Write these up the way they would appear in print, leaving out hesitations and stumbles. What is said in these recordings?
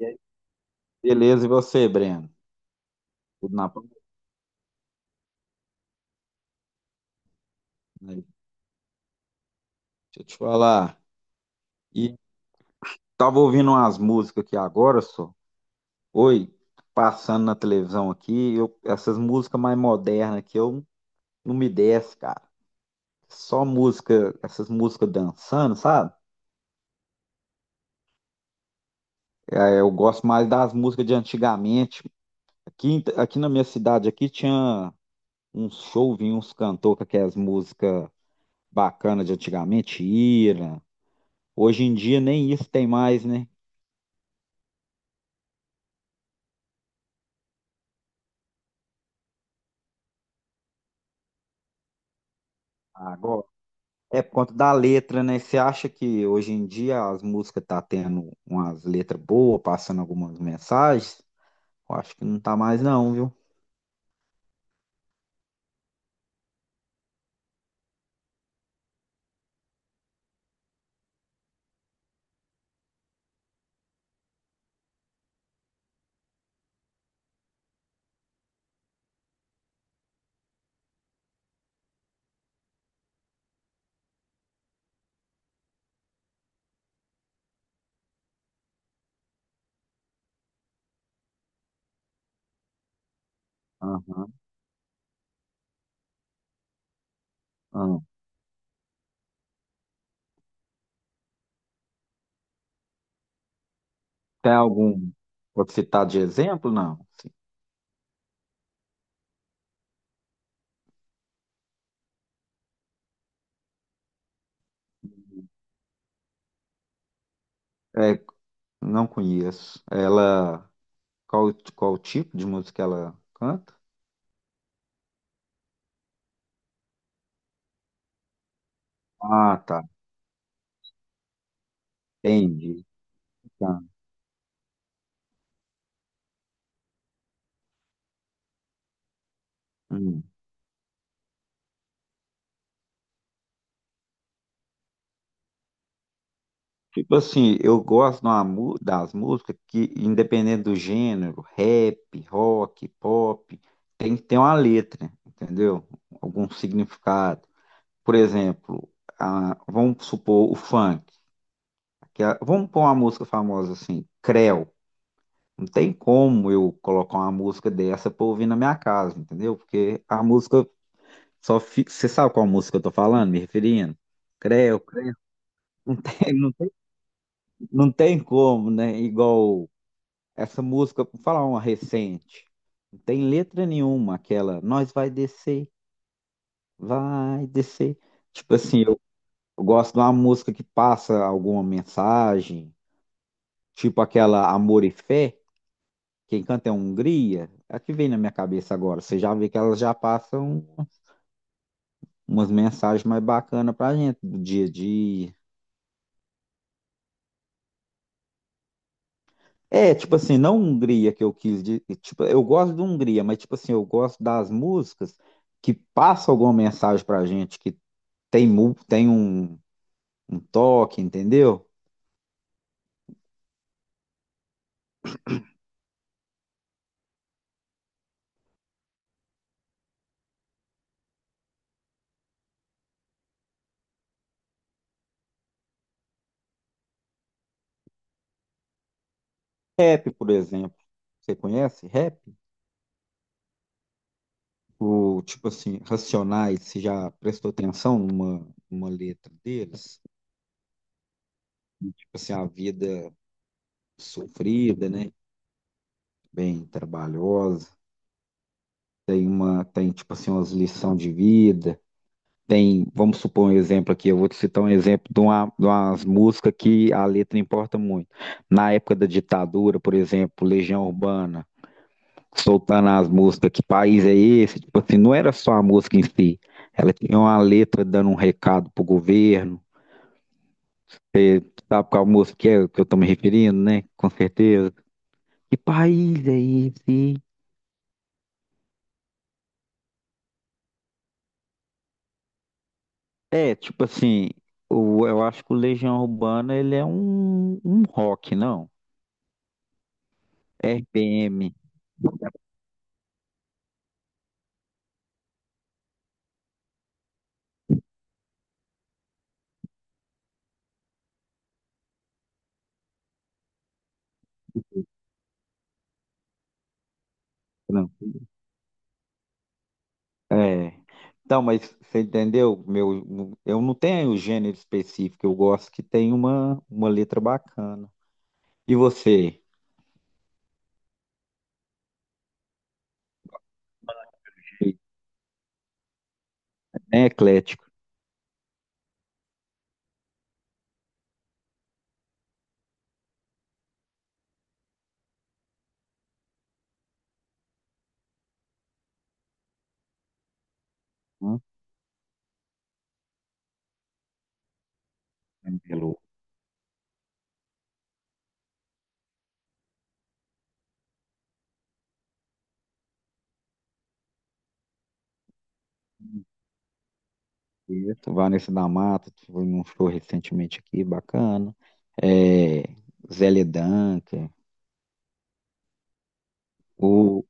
E aí, beleza, e você, Breno? Tudo na paz? Aí, deixa eu te falar. E Tava ouvindo umas músicas aqui agora, só. Oi, passando na televisão aqui, eu, essas músicas mais modernas aqui, eu não me desço, cara. Só música, essas músicas dançando, sabe? É, eu gosto mais das músicas de antigamente. Aqui, aqui na minha cidade aqui tinha uns show, vinha uns cantores com aquelas músicas bacanas de antigamente, Ira. Hoje em dia nem isso tem mais, né? Agora. É por conta da letra, né? Você acha que hoje em dia as músicas tá tendo umas letras boas, passando algumas mensagens? Eu acho que não tá mais não, viu? Aham, aham. Tem algum pra citar de exemplo? Não. Sim. É, não conheço. Ela, qual tipo de música ela canta? Ah, tá. Entendi. Tá. Hum. Tipo assim, eu gosto de das músicas que, independente do gênero, rap, rock, pop, tem que ter uma letra, entendeu? Algum significado. Por exemplo, vamos supor o funk. Vamos pôr uma música famosa assim, Creu. Não tem como eu colocar uma música dessa pra ouvir na minha casa, entendeu? Porque a música só fica. Você sabe qual música eu tô falando, me referindo? Creu, Creu. Não tem, não tem, não tem como, né? Igual. Essa música, vou falar uma recente, não tem letra nenhuma, aquela nós vai descer, vai descer. Tipo assim, eu gosto de uma música que passa alguma mensagem, tipo aquela Amor e Fé, quem canta é Hungria, é a que vem na minha cabeça agora. Você já vê que elas já passam umas mensagens mais bacanas pra gente do dia a dia. É, tipo assim, não Hungria que eu quis, tipo, eu gosto de Hungria, mas tipo assim, eu gosto das músicas que passam alguma mensagem pra gente, que tem, um toque, entendeu? Rap, por exemplo. Você conhece rap? O, tipo assim, Racionais, você já prestou atenção numa letra deles? Tipo assim, a vida sofrida, né? Bem trabalhosa. Tem uma, tem tipo assim, umas lições de vida. Tem, vamos supor um exemplo aqui, eu vou te citar um exemplo de de umas músicas que a letra importa muito. Na época da ditadura, por exemplo, Legião Urbana. Soltando as músicas, que país é esse? Tipo assim, não era só a música em si. Ela tinha uma letra dando um recado pro governo. Você sabe qual música que é que eu tô me referindo, né? Com certeza. Que país é esse? É, tipo assim, eu acho que o Legião Urbana ele é um rock, não? RPM. Não. É. Então, mas você entendeu? Meu, eu não tenho um gênero específico, eu gosto que tem uma letra bacana. E você? Bem eclético, né? Pelo Quinteto, Vanessa da Mata, que foi num show recentemente aqui, bacana. É, Zélia Duncan. O,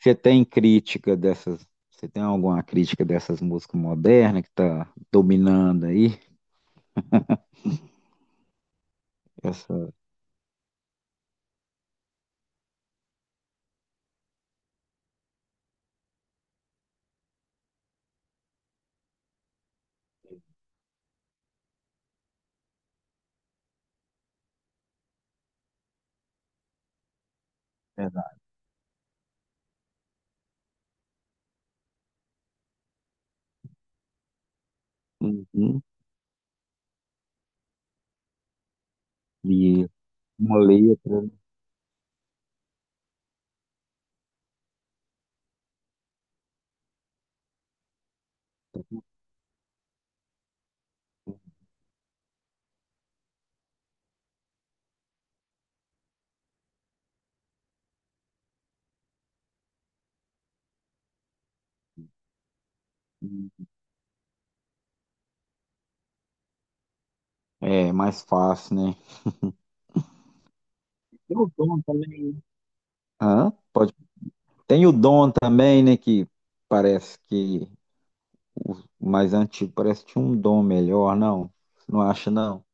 você tem crítica dessas? Você tem alguma crítica dessas músicas modernas que tá dominando aí? Essa, exato. Uhum. E uma letra assim, é mais fácil, né? Tem o Dom também, hã? Pode. Tem o Dom também, né? Que parece que o mais antigo parece que tinha um dom melhor, não? Você não acha, não?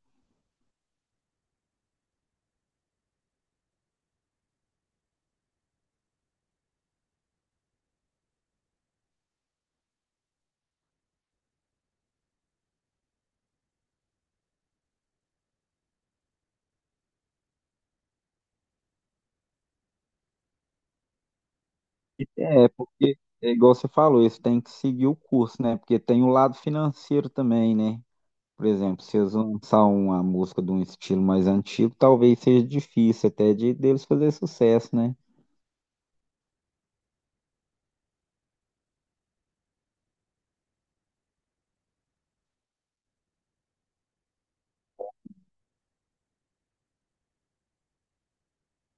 É, porque é igual você falou, eles têm que seguir o curso, né? Porque tem o lado financeiro também, né? Por exemplo, se eles lançar uma música de um estilo mais antigo, talvez seja difícil até de deles fazer sucesso, né?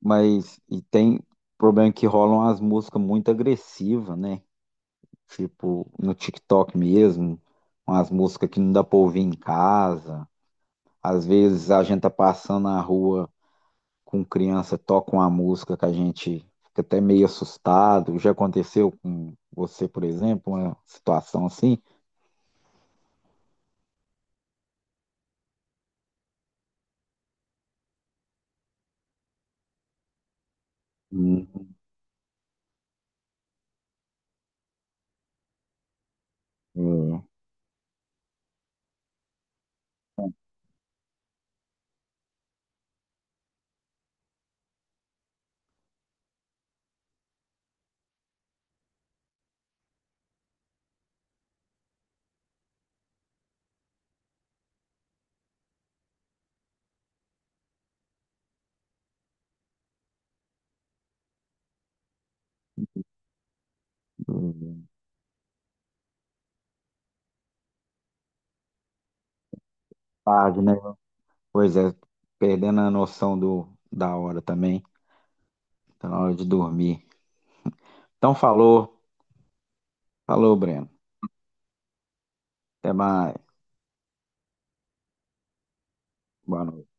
Mas e tem problema que rolam as músicas muito agressivas, né? Tipo, no TikTok mesmo, umas músicas que não dá pra ouvir em casa. Às vezes a gente tá passando na rua com criança toca uma música que a gente fica até meio assustado. Já aconteceu com você, por exemplo, uma situação assim? Hum, é, é, tarde, né? Pois é, perdendo a noção do, da hora também. Tá na hora de dormir. Então falou, falou, Breno. Até mais. Boa noite.